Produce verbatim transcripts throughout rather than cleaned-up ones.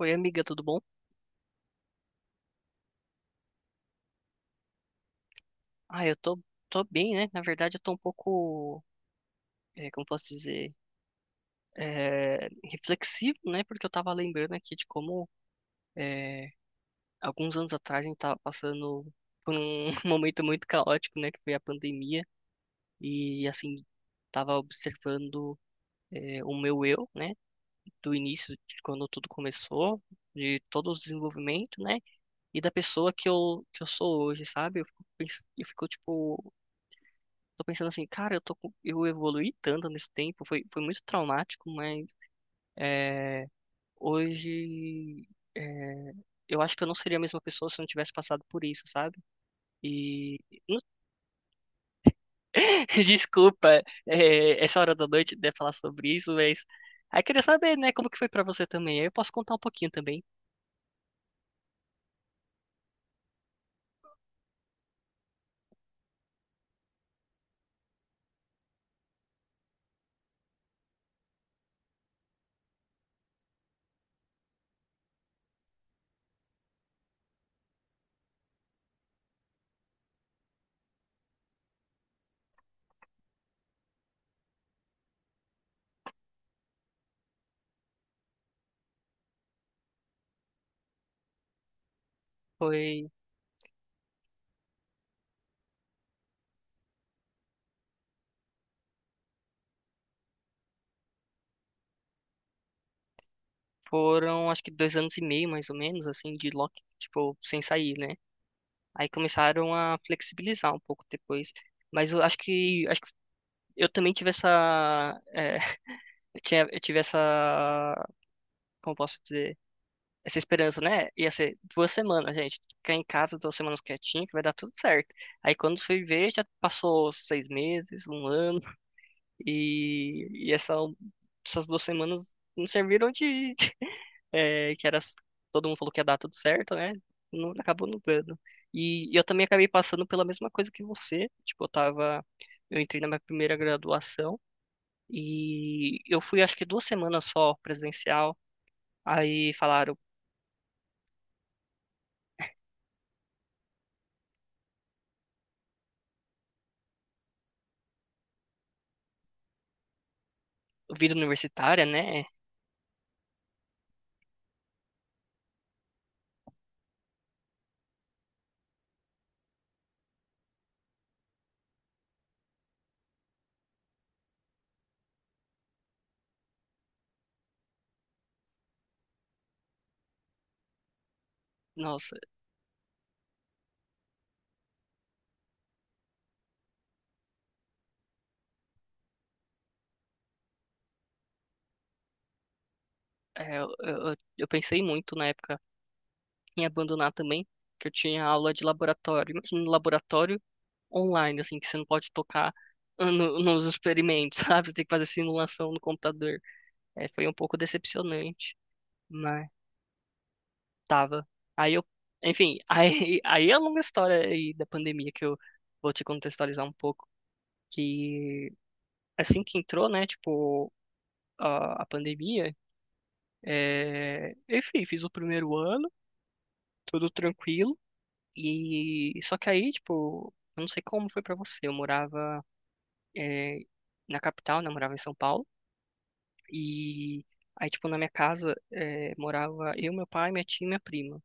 Oi, amiga, tudo bom? Ah, eu tô, tô bem, né? Na verdade, eu tô um pouco, eh, como posso dizer, eh, reflexivo, né? Porque eu tava lembrando aqui de como, eh, alguns anos atrás a gente tava passando por um momento muito caótico, né? Que foi a pandemia. E, assim, tava observando, eh, o meu eu, né? Do início, de quando tudo começou, de todo o desenvolvimento, né? E da pessoa que eu, que eu sou hoje, sabe? Eu fico, pens- eu fico tipo. Tô pensando assim, cara, eu tô com- eu evoluí tanto nesse tempo, foi, foi muito traumático, mas é, hoje é, eu acho que eu não seria a mesma pessoa se eu não tivesse passado por isso, sabe? E desculpa, é, essa hora da noite de falar sobre isso, mas aí queria saber, né, como que foi pra você também. Aí eu posso contar um pouquinho também. Foi, foram acho que dois anos e meio, mais ou menos, assim, de lock, tipo, sem sair, né? Aí começaram a flexibilizar um pouco depois. Mas eu acho que acho eu também tive essa, é, eu tinha, eu tive essa, como posso dizer, essa esperança, né? Ia ser duas semanas, gente, ficar em casa duas semanas quietinho, que vai dar tudo certo. Aí quando fui ver, já passou seis meses, um ano, e, e essa, essas duas semanas não serviram de, de- é, que era, todo mundo falou que ia dar tudo certo, né? Não, acabou não dando. E, eu também acabei passando pela mesma coisa que você, tipo, eu tava, eu entrei na minha primeira graduação, e eu fui, acho que duas semanas só presencial. Aí falaram, vida universitária, né? Nossa, é, eu, eu, eu pensei muito na época em abandonar também, que eu tinha aula de laboratório. Imagina um laboratório online, assim, que você não pode tocar no- nos experimentos, sabe? Você tem que fazer simulação no computador. É, foi um pouco decepcionante, mas tava. Aí eu, enfim, aí, aí é a longa história aí da pandemia que eu vou te contextualizar um pouco. Que assim que entrou, né, tipo, a, a pandemia, é, eu fiz o primeiro ano, tudo tranquilo, e só que aí, tipo, eu não sei como foi pra você, eu morava é, na capital, né, eu morava em São Paulo, e aí, tipo, na minha casa é, morava eu, meu pai, minha tia e minha prima.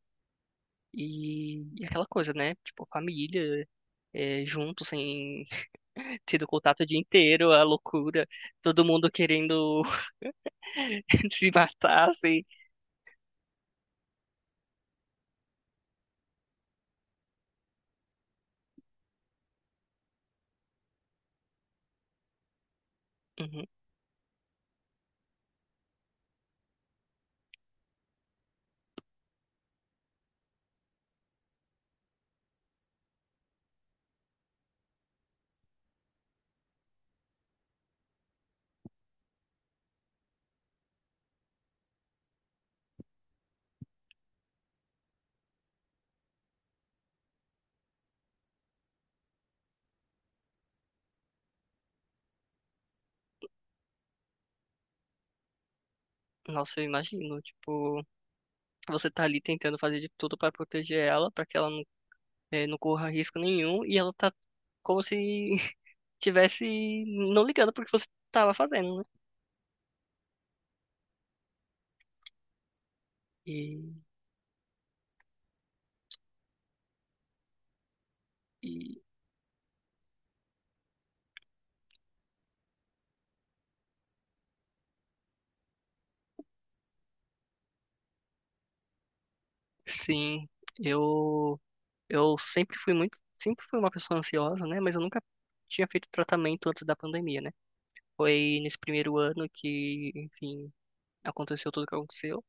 E, e aquela coisa, né? Tipo, família, é, junto, sem tendo contato o dia inteiro, a loucura, todo mundo querendo se matar, assim. Uhum. Nossa, eu imagino, tipo, você tá ali tentando fazer de tudo pra proteger ela, pra que ela não, eh, não corra risco nenhum, e ela tá como se tivesse não ligando pro que você tava fazendo, né? E, e sim, eu eu sempre fui muito, sempre fui uma pessoa ansiosa, né? Mas eu nunca tinha feito tratamento antes da pandemia, né? Foi nesse primeiro ano que, enfim, aconteceu tudo o que aconteceu.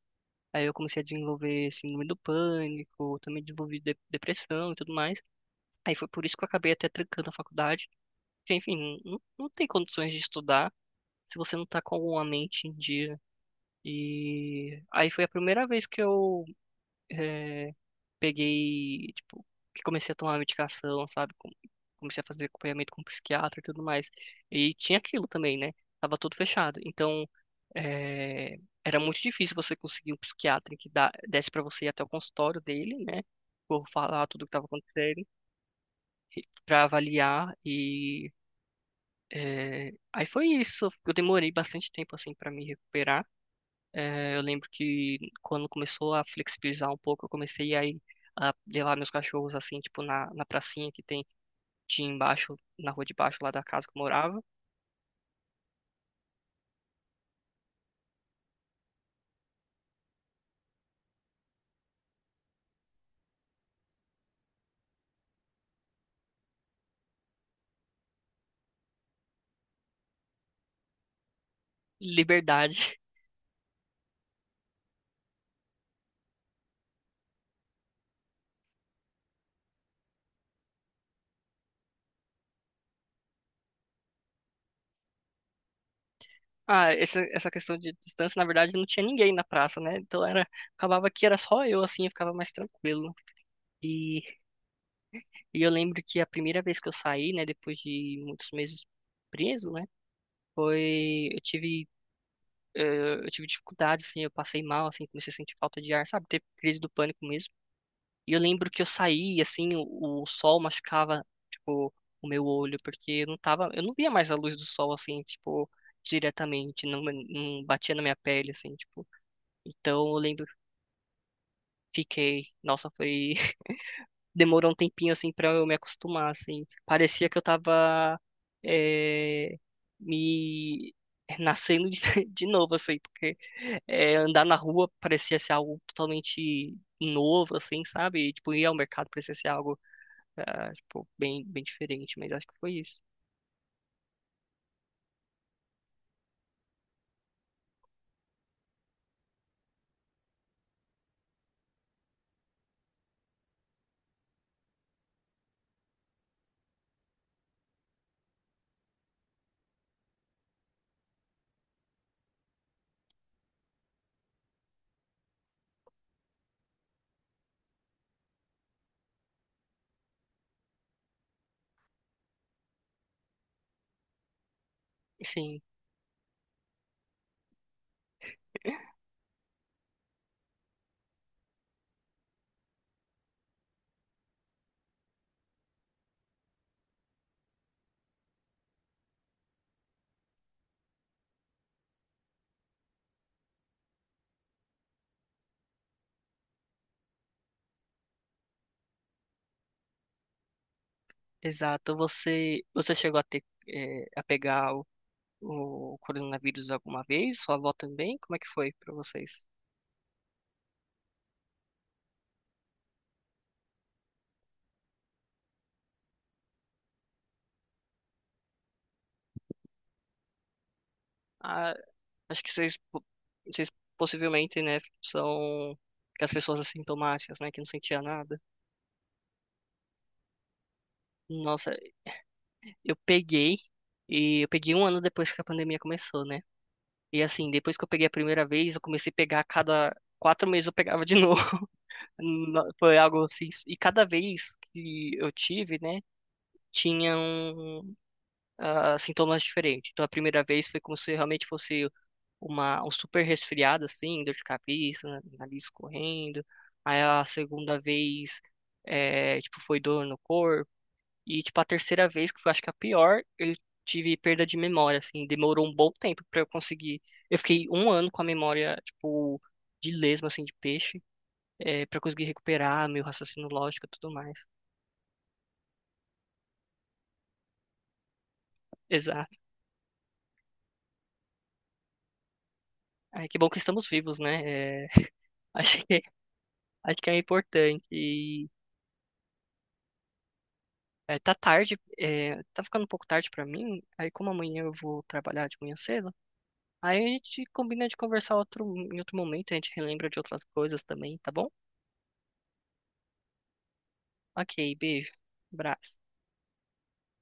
Aí eu comecei a desenvolver síndrome do pânico, também desenvolvi de- depressão e tudo mais. Aí foi por isso que eu acabei até trancando a faculdade. Porque, enfim, não, não tem condições de estudar se você não tá com a mente em dia. E aí foi a primeira vez que eu eh, peguei, tipo, que comecei a tomar medicação, sabe? Com- Comecei a fazer acompanhamento com psiquiatra e tudo mais. E tinha aquilo também, né? Tava tudo fechado. Então, eh, era muito difícil você conseguir um psiquiatra que dá, desse pra você ir até o consultório dele, né? Por falar tudo o que estava acontecendo, pra avaliar e É, aí foi isso. Eu demorei bastante tempo assim para me recuperar. É, eu lembro que quando começou a flexibilizar um pouco, eu comecei aí a levar meus cachorros assim, tipo na, na pracinha que tem tinha embaixo, na rua de baixo lá da casa que eu morava. Liberdade. Ah, essa, essa questão de distância, na verdade, não tinha ninguém na praça, né? Então era, acabava que era só eu assim, eu ficava mais tranquilo. E, e eu lembro que a primeira vez que eu saí, né, depois de muitos meses preso, né? Foi, eu tive eh, eu tive dificuldade, assim, eu passei mal, assim, comecei a sentir falta de ar, sabe? Teve crise do pânico mesmo. E eu lembro que eu saí, assim, o, o sol machucava, tipo, o meu olho, porque eu não tava, eu não via mais a luz do sol, assim, tipo, diretamente, não, não batia na minha pele, assim, tipo. Então eu lembro, que fiquei, nossa, foi demorou um tempinho, assim, pra eu me acostumar, assim. Parecia que eu tava é, me nascendo de, de novo, assim, porque é, andar na rua parecia ser algo totalmente novo, assim, sabe? E, tipo, ir ao mercado parecia ser algo, ah, tipo, bem, bem diferente, mas acho que foi isso. Sim, exato. Você, você chegou a ter, é, a pegar o, o coronavírus alguma vez? Sua avó também? Como é que foi pra vocês? Ah, Acho que vocês, po- vocês possivelmente, né, são as pessoas assintomáticas, né, que não sentia nada. Nossa, eu peguei e eu peguei um ano depois que a pandemia começou, né? E assim, depois que eu peguei a primeira vez, eu comecei a pegar a cada quatro meses eu pegava de novo. No- Foi algo assim. E cada vez que eu tive, né, tinham ah, sintomas diferentes. Então, a primeira vez foi como se realmente fosse uma, um super resfriado, assim, dor de cabeça, na- nariz correndo. Aí, a segunda vez, eh, tipo, foi dor no corpo. E, tipo, a terceira vez, que foi, acho que a pior, eu tive perda de memória, assim. Demorou um bom tempo pra eu conseguir. Eu fiquei um ano com a memória, tipo, de lesma, assim, de peixe, eh, pra conseguir recuperar meu raciocínio lógico e tudo mais. Exato. Ai, que bom que estamos vivos, né? Eh, acho que Acho que é importante. E, é, tá tarde, é, tá ficando um pouco tarde pra mim. Aí, como amanhã eu vou trabalhar de manhã cedo, aí a gente combina de conversar outro, em outro momento. A gente relembra de outras coisas também, tá bom? Ok, beijo. Abraço.